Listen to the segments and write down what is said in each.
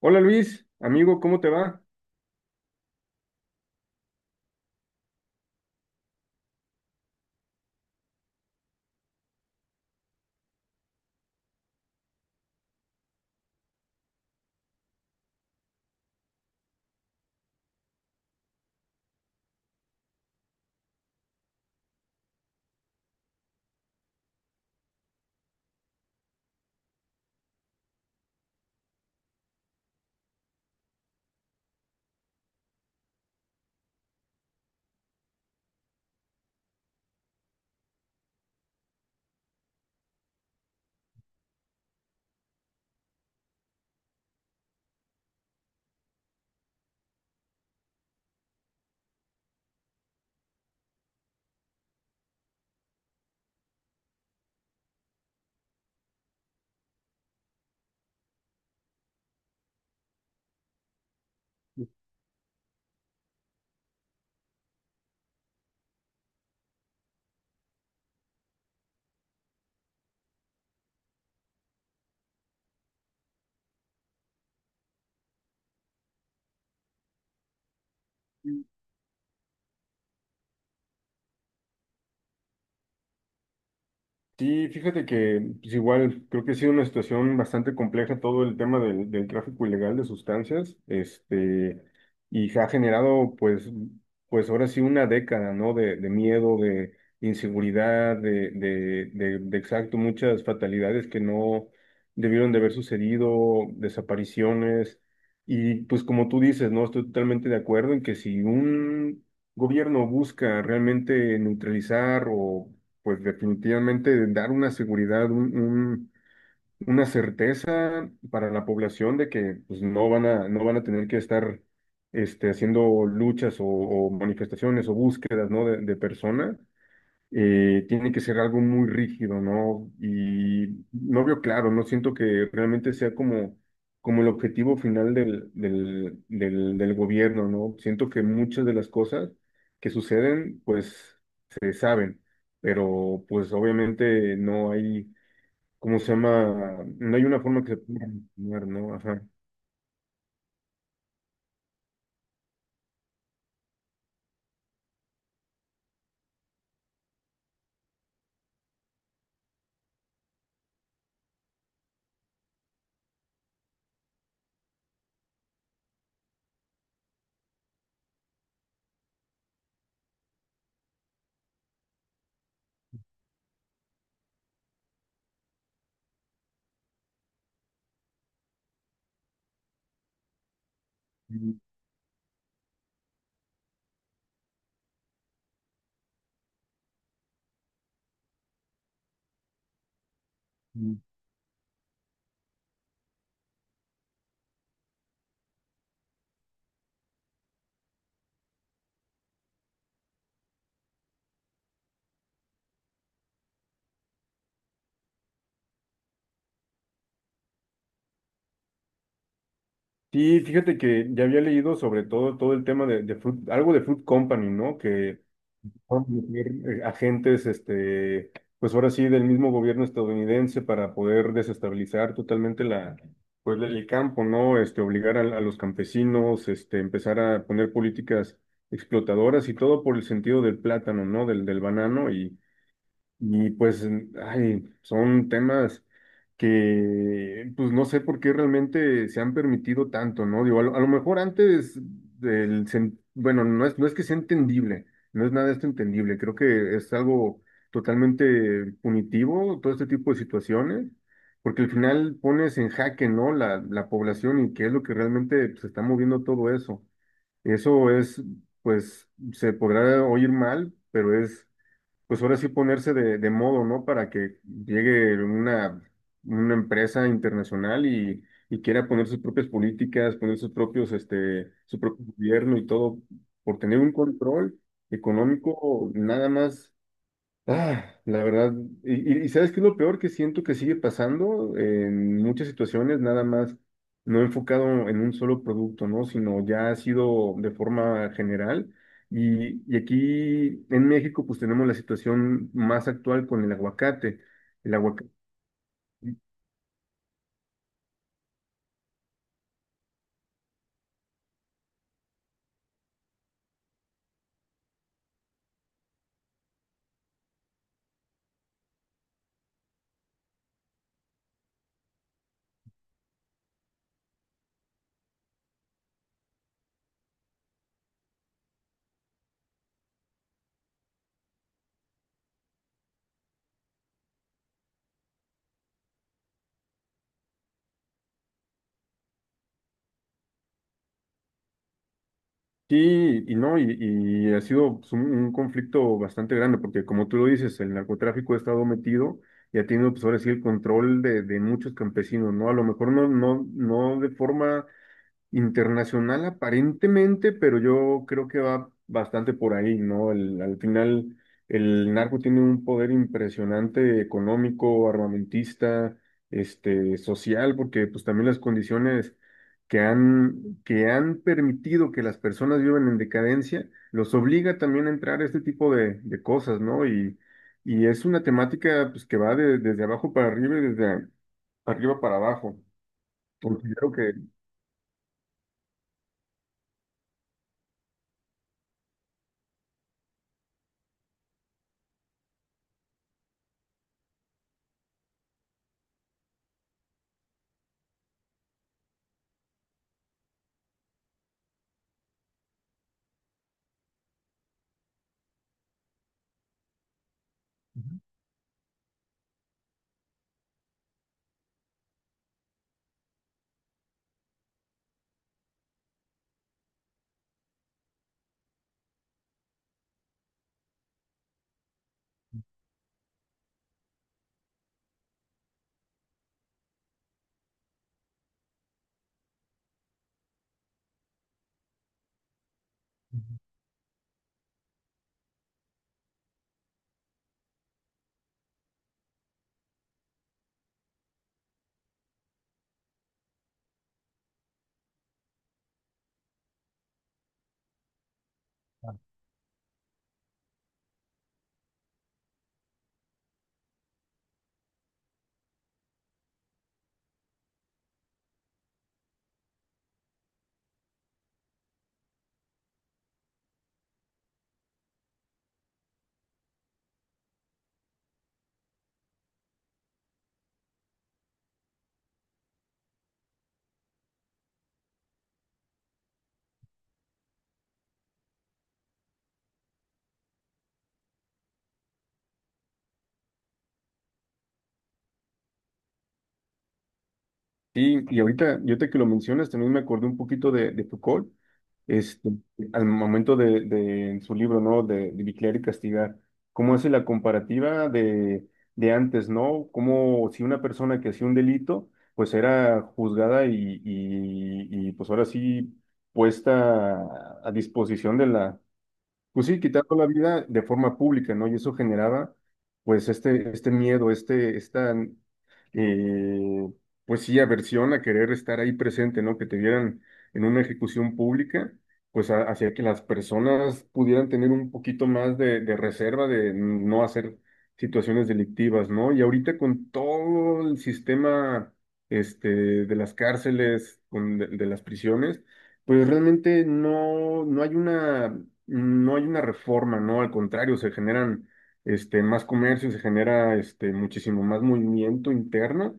Hola Luis, amigo, ¿cómo te va? Sí, fíjate que pues igual creo que ha sido una situación bastante compleja todo el tema del tráfico ilegal de sustancias, este, y se ha generado pues, pues ahora sí una década, ¿no? De miedo, de inseguridad, de exacto, muchas fatalidades que no debieron de haber sucedido, desapariciones, y pues como tú dices, ¿no? Estoy totalmente de acuerdo en que si un gobierno busca realmente neutralizar o pues definitivamente dar una seguridad, una certeza para la población de que pues, no van a tener que estar este, haciendo luchas o manifestaciones o búsquedas, ¿no? De personas tiene que ser algo muy rígido, ¿no? Y no veo claro, no siento que realmente sea como, como el objetivo final del gobierno, ¿no? Siento que muchas de las cosas que suceden, pues se saben, pero pues obviamente no hay, ¿cómo se llama? No hay una forma que se pueda continuar, ¿no? Ajá. Sí, fíjate que ya había leído sobre todo el tema de, algo de Fruit Company, ¿no? Que por meter, agentes, este, pues ahora sí, del mismo gobierno estadounidense para poder desestabilizar totalmente la, pues, el campo, ¿no? Este, obligar a los campesinos, este, empezar a poner políticas explotadoras y todo por el sentido del plátano, ¿no? Del banano y pues, ay, son temas que, pues no sé por qué realmente se han permitido tanto, ¿no? Digo, a lo mejor antes del, bueno, no es, no es que sea entendible, no es nada de esto entendible, creo que es algo totalmente punitivo todo este tipo de situaciones, porque al final pones en jaque, ¿no? La población y qué es lo que realmente se está moviendo todo eso. Eso es, pues, se podrá oír mal, pero es pues ahora sí ponerse de modo, ¿no? Para que llegue una empresa internacional y quiera poner sus propias políticas, poner sus propios, este, su propio gobierno y todo, por tener un control económico nada más. Ah, la verdad, y, y ¿sabes qué es lo peor que siento que sigue pasando en muchas situaciones, nada más no enfocado en un solo producto, ¿no? Sino ya ha sido de forma general. Y aquí en México, pues tenemos la situación más actual con el aguacate. El aguacate. Sí, y no, y ha sido pues, un conflicto bastante grande, porque como tú lo dices, el narcotráfico ha estado metido y ha tenido, pues ahora sí, el control de muchos campesinos, ¿no? A lo mejor no, no, no de forma internacional aparentemente, pero yo creo que va bastante por ahí, ¿no? Al final, el narco tiene un poder impresionante económico, armamentista, este, social, porque pues también las condiciones que han permitido que las personas vivan en decadencia, los obliga también a entrar a este tipo de cosas, ¿no? Y es una temática pues que va desde abajo para arriba y desde arriba para abajo. Considero. Sí, y ahorita, yo te que lo mencionas, también me acordé un poquito de Foucault, este, al momento de, en su libro, ¿no? De Vigilar y Castigar, cómo hace la comparativa de antes, ¿no? Cómo si una persona que hacía un delito, pues era juzgada y, pues ahora sí puesta a disposición de la, pues sí, quitando la vida de forma pública, ¿no? Y eso generaba, pues, este miedo, este, esta, eh, pues sí, aversión a querer estar ahí presente, ¿no? Que te vieran en una ejecución pública, pues hacía que las personas pudieran tener un poquito más de reserva de no hacer situaciones delictivas, ¿no? Y ahorita con todo el sistema, este, de las cárceles, con, de las prisiones pues realmente no, no hay una, no hay una reforma, ¿no? Al contrario, se generan este, más comercio, se genera este, muchísimo más movimiento interno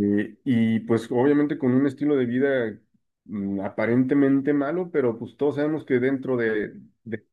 y pues obviamente con un estilo de vida mm, aparentemente malo, pero pues todos sabemos que dentro de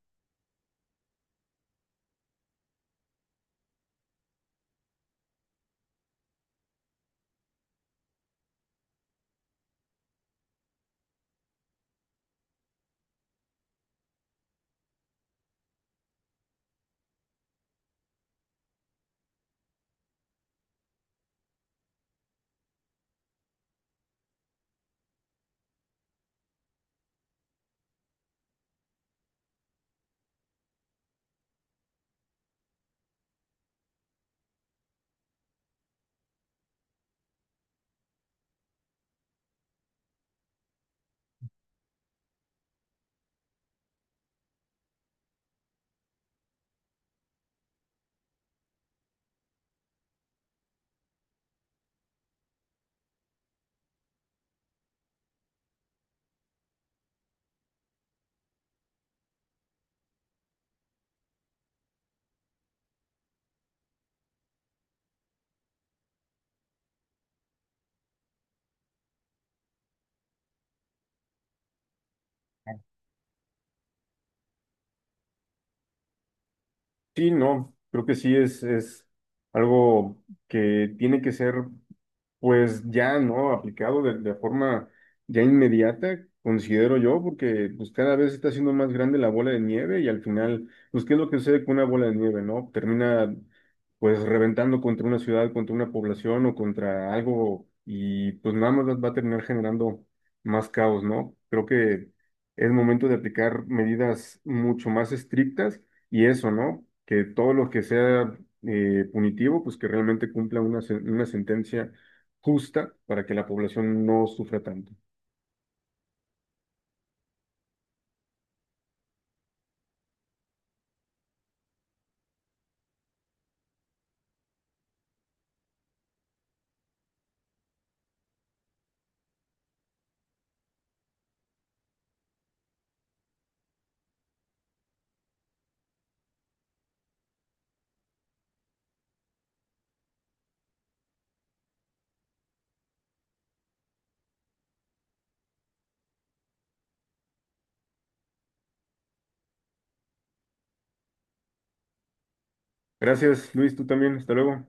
sí, ¿no? Creo que sí es algo que tiene que ser. Pues ya no, aplicado de forma ya inmediata, considero yo, porque pues cada vez está siendo más grande la bola de nieve y al final, pues ¿qué es lo que sucede con una bola de nieve, no? Termina pues reventando contra una ciudad, contra una población o contra algo y pues nada más va a terminar generando más caos, ¿no? Creo que es momento de aplicar medidas mucho más estrictas y eso, ¿no? Que todo lo que sea punitivo, pues que realmente cumpla una, una sentencia justa para que la población no sufra tanto. Gracias, Luis, tú también. Hasta luego.